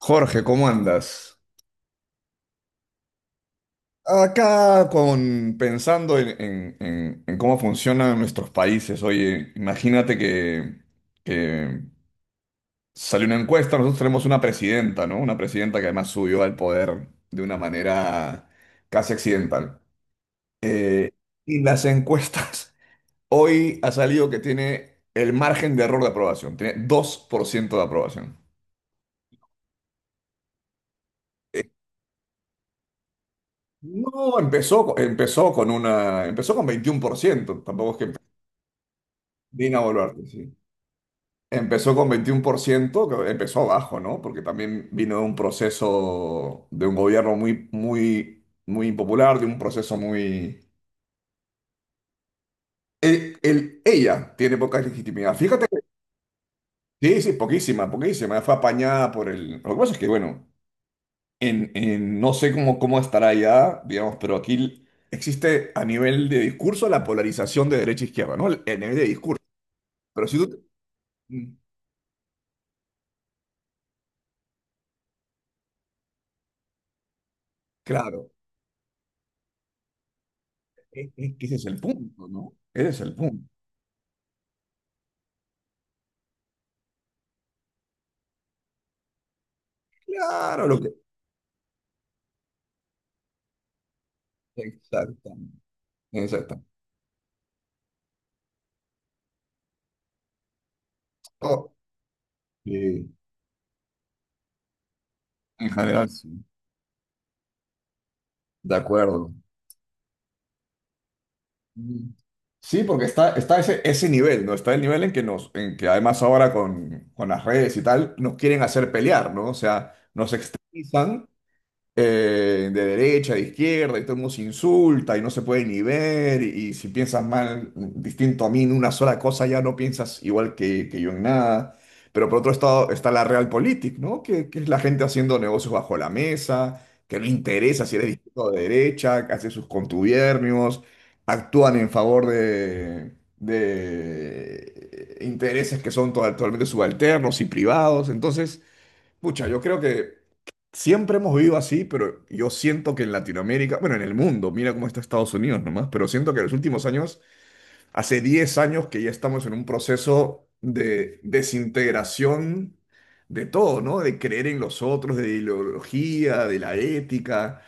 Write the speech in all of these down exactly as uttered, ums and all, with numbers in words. Jorge, ¿cómo andas? Acá con, pensando en, en- en- en cómo funcionan nuestros países. Oye, imagínate que, que salió una encuesta. Nosotros tenemos una presidenta, ¿no? Una presidenta que además subió al poder de una manera casi accidental. Eh, y las encuestas, hoy ha salido que tiene el margen de error de aprobación, tiene dos por ciento de aprobación. Eh, No, empezó, empezó con una, empezó con veintiún por ciento. Tampoco es que. Dina Boluarte, sí. Empezó con veintiún por ciento, que empezó abajo, ¿no? Porque también vino de un proceso de un gobierno muy, muy, muy impopular, de un proceso muy. El, el- ella tiene poca legitimidad. Fíjate que. Sí, sí, poquísima, poquísima. Fue apañada por el. Lo que pasa es que, bueno, en, en- no sé cómo, cómo estará allá, digamos, pero aquí existe a nivel de discurso la polarización de derecha e izquierda, ¿no? A nivel de discurso. Pero si tú. Mm. Claro. Es, es que ese es el punto, ¿no? Ese es el punto. Claro, lo que. Exactamente. Exactamente. Oh, sí, en general, sí. De acuerdo. Mm. Sí, porque está, está ese, ese nivel, ¿no? Está el nivel en que nos, en que además ahora con, con las redes y tal, nos quieren hacer pelear, ¿no? O sea, nos extremizan, eh, de derecha, de izquierda, y todo el mundo se insulta y no se puede ni ver, y, y si piensas mal, distinto a mí en una sola cosa, ya no piensas igual que, que yo en nada. Pero por otro lado está la realpolitik, ¿no? Que, que es la gente haciendo negocios bajo la mesa, que no interesa si eres de izquierda o de derecha, que hace sus contubiernios, actúan en favor de... de intereses que son to- totalmente subalternos y privados. Entonces, pucha, yo creo que siempre hemos vivido así, pero yo siento que en Latinoamérica, bueno, en el mundo, mira cómo está Estados Unidos nomás, pero siento que en los últimos años, hace diez años que ya estamos en un proceso de desintegración de todo, ¿no? De creer en los otros, de ideología, de la ética,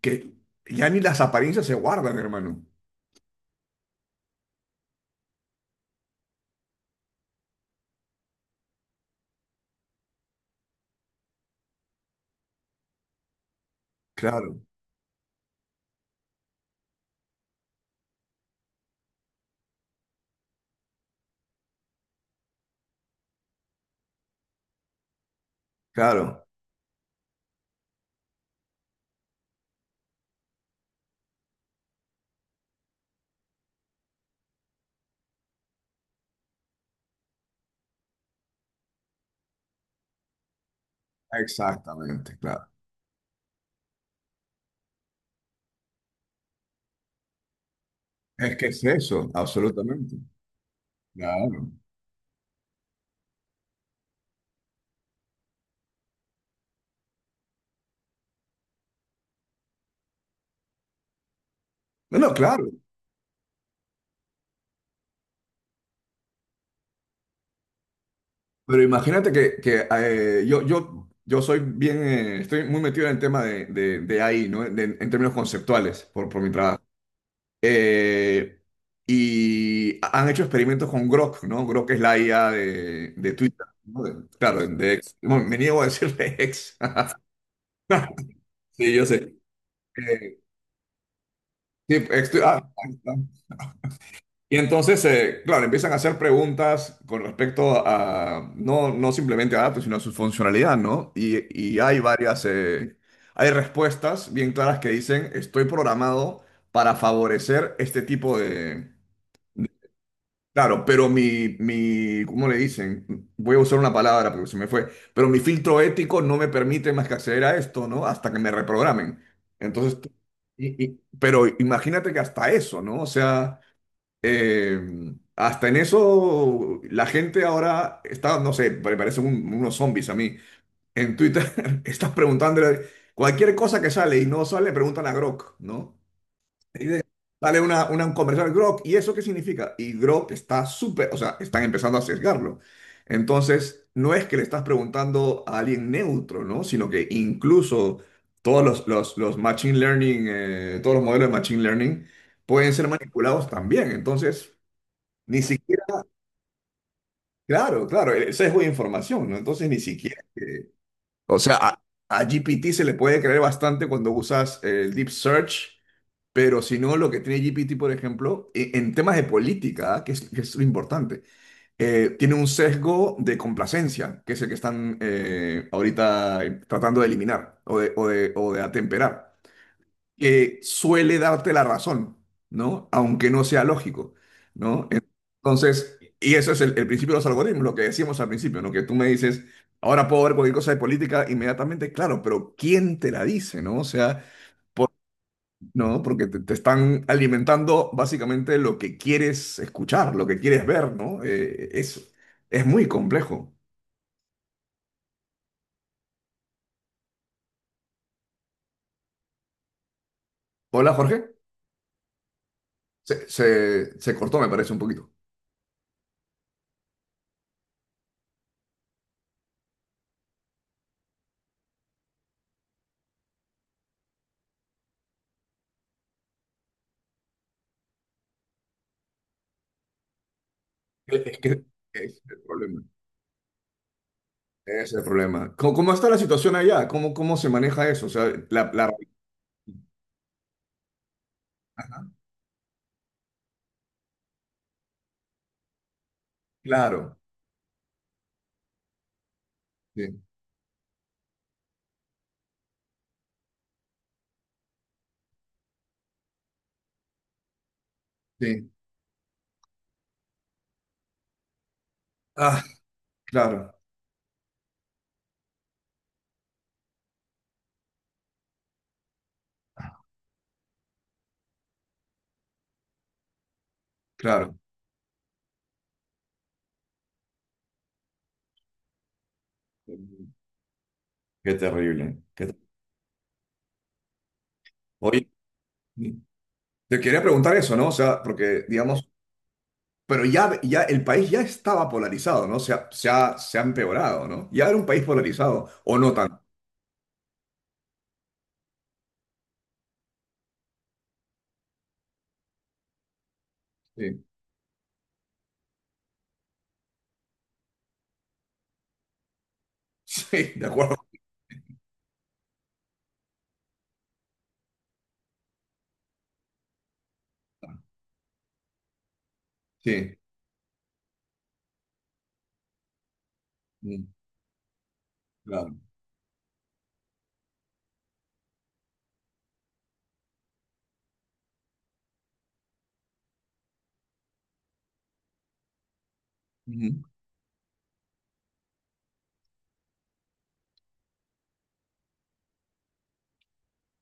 que ya ni las apariencias se guardan, hermano. Claro, claro, exactamente, claro. Es que es eso, absolutamente. Claro. No, no, claro. Pero imagínate que, que, eh, yo, yo, yo soy bien, eh, estoy muy metido en el tema de, de, de A I, ¿no? De- en términos conceptuales, por, por mi trabajo. Eh, y han hecho experimentos con Grok, ¿no? Grok es la I A de, de Twitter, ¿no? De- claro, de X. Bueno, me niego a decirle ex. Sí, yo sé. Eh, sí, ex- ah, ahí está. Y entonces, eh, claro, empiezan a hacer preguntas con respecto a, no, no simplemente a datos, sino a su funcionalidad, ¿no? Y, y hay varias, eh, hay respuestas bien claras que dicen, estoy programado para favorecer este tipo de. Claro, pero mi, mi, ¿cómo le dicen? Voy a usar una palabra porque se me fue, pero mi filtro ético no me permite más que acceder a esto, ¿no? Hasta que me reprogramen. Entonces, y- y- pero imagínate que hasta eso, ¿no? O sea. Eh, Hasta en eso, la gente ahora está, no sé, pare- parecen un- unos zombies a mí. En Twitter estás preguntándole cualquier cosa que sale y no sale, preguntan a Grok, ¿no? Y de- sale una, una, un comercial. Grok, ¿y eso qué significa? Y Grok está súper, o sea, están empezando a sesgarlo. Entonces, no es que le estás preguntando a alguien neutro, ¿no? Sino que incluso todos los, los, los machine learning, eh, todos los modelos de machine learning pueden ser manipulados también. Entonces, ni siquiera, claro, claro, el sesgo de información, ¿no? Entonces ni siquiera, eh, o sea, a, a G P T se le puede creer bastante cuando usas el deep search, pero si no, lo que tiene G P T, por ejemplo, e- en temas de política, ¿ah? que es, que es lo importante, eh, tiene un sesgo de complacencia, que es el que están, eh, ahorita, eh, tratando de eliminar o de, o de, o de atemperar, que suele darte la razón, ¿no? Aunque no sea lógico, ¿no? Entonces, y eso es el, el principio de los algoritmos, lo que decíamos al principio, ¿no? Que tú me dices, ahora puedo ver cualquier cosa de política inmediatamente, claro, pero ¿quién te la dice? ¿No? O sea, por- ¿no? Porque te, te están alimentando básicamente lo que quieres escuchar, lo que quieres ver, ¿no? Eh, es, es muy complejo. Hola, Jorge. Se, se, se cortó, me parece, un poquito. Es que es el problema. Ese es el problema. ¿Cómo, cómo está la situación allá? ¿Cómo, cómo se maneja eso? O sea, la, la- Claro, sí, sí. Ah, claro, claro. Qué terrible. qué- Oye, te quería preguntar eso, ¿no? O sea, porque, digamos, pero ya, ya el país ya estaba polarizado, ¿no? Se ha, se ha, se ha empeorado, ¿no? Ya era un país polarizado, o no tanto. Sí, sí, de acuerdo. Sí, mm, claro. Ujú.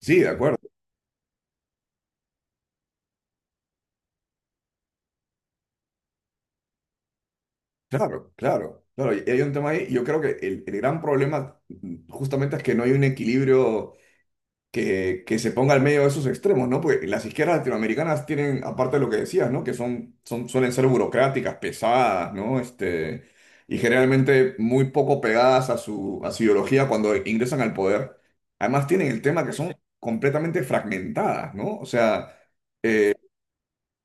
Sí, de acuerdo. Claro, claro, claro. Y hay un tema ahí. Yo creo que el, el gran problema, mm, justamente es que no hay un equilibrio que, que se ponga al medio de esos extremos, ¿no? Porque las izquierdas latinoamericanas tienen, aparte de lo que decías, ¿no? Que son, son, suelen ser burocráticas, pesadas, ¿no? Este, y generalmente muy poco pegadas a su, a su ideología cuando ingresan al poder. Además tienen el tema que son completamente fragmentadas, ¿no? O sea.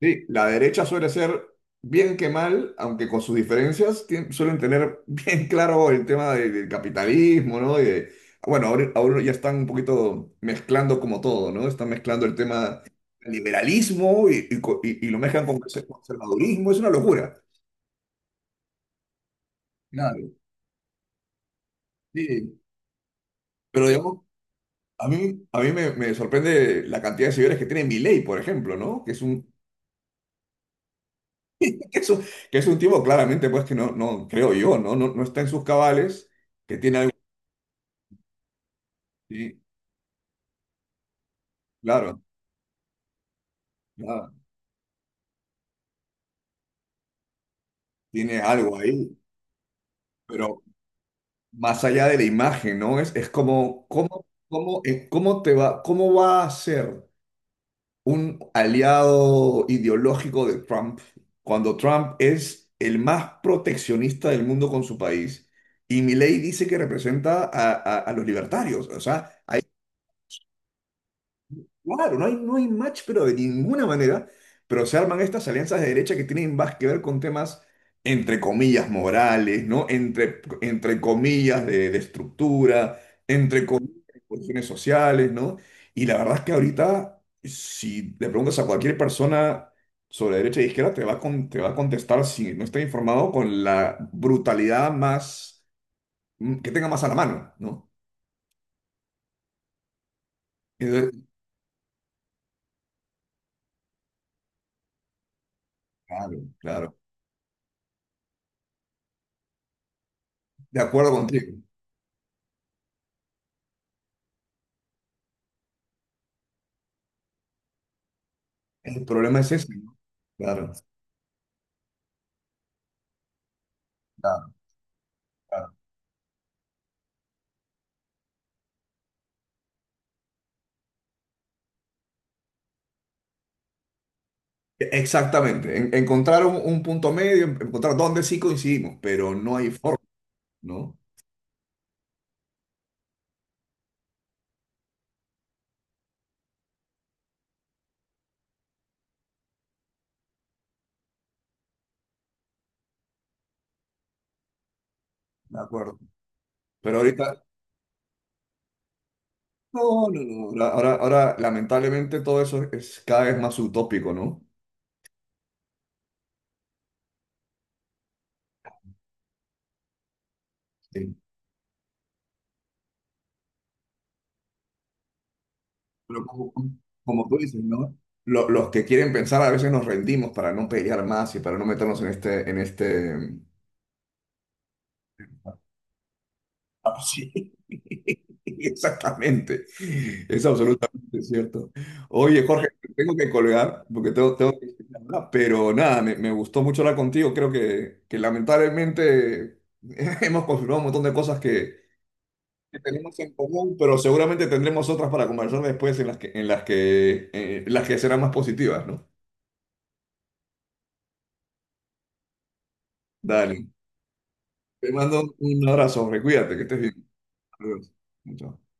Sí, la derecha suele ser bien que mal, aunque con sus diferencias, tien- suelen tener bien claro el tema de- del capitalismo, ¿no? Y de- bueno, ahora, ahora ya están un poquito mezclando como todo, ¿no? Están mezclando el tema del liberalismo y, y co- y- y lo mezclan con conser- conservadurismo, es una locura. Claro, sí. Pero digamos, a mí, a mí me, me sorprende la cantidad de seguidores que tiene Milei, por ejemplo, ¿no? Que es un, que es un, que es un tipo claramente, pues, que no, no creo yo, ¿no? No, no está en sus cabales que tiene. Sí, claro, claro, tiene algo ahí, pero más allá de la imagen, ¿no? Es, es como, ¿cómo, cómo, eh, cómo te va, cómo va a ser un aliado ideológico de Trump cuando Trump es el más proteccionista del mundo con su país y Milei dice que representa a, a- a los libertarios? O sea, claro, no hay, no hay match, pero de ninguna manera. Pero se arman estas alianzas de derecha que tienen más que ver con temas, entre comillas, morales, ¿no? Entre, entre comillas, de, de estructura, entre comillas, de cuestiones sociales, ¿no? Y la verdad es que ahorita, si le preguntas a cualquier persona sobre derecha e izquierda, te va a, con- te va a contestar, si no está informado, con la brutalidad más, que tenga más a la mano, ¿no? Entonces, claro, claro. De acuerdo contigo. El problema es ese, ¿no? Claro, claro, claro. E- Exactamente. En- encontrar un, un punto medio, encontrar dónde sí coincidimos, pero no hay forma, ¿no? De acuerdo. Pero ahorita, no, no, no. Ahora, ahora, ahora, lamentablemente, todo eso es cada vez más utópico, ¿no? Sí. Pero como, como tú dices, ¿no? Lo- los que quieren pensar a veces nos rendimos para no pelear más y para no meternos en este, en este. Ah, sí, exactamente. Es absolutamente cierto. Oye, Jorge, te tengo que colgar porque tengo, tengo que ir a hablar. Pero nada, me, me gustó mucho hablar contigo. Creo que, que lamentablemente hemos confirmado un montón de cosas que, que tenemos en común, pero seguramente tendremos otras para conversar después en las que, en las que, eh, las que serán más positivas, ¿no? Dale. Te mando un abrazo, Jorge. Cuídate, que estés bien. Adiós. Chao.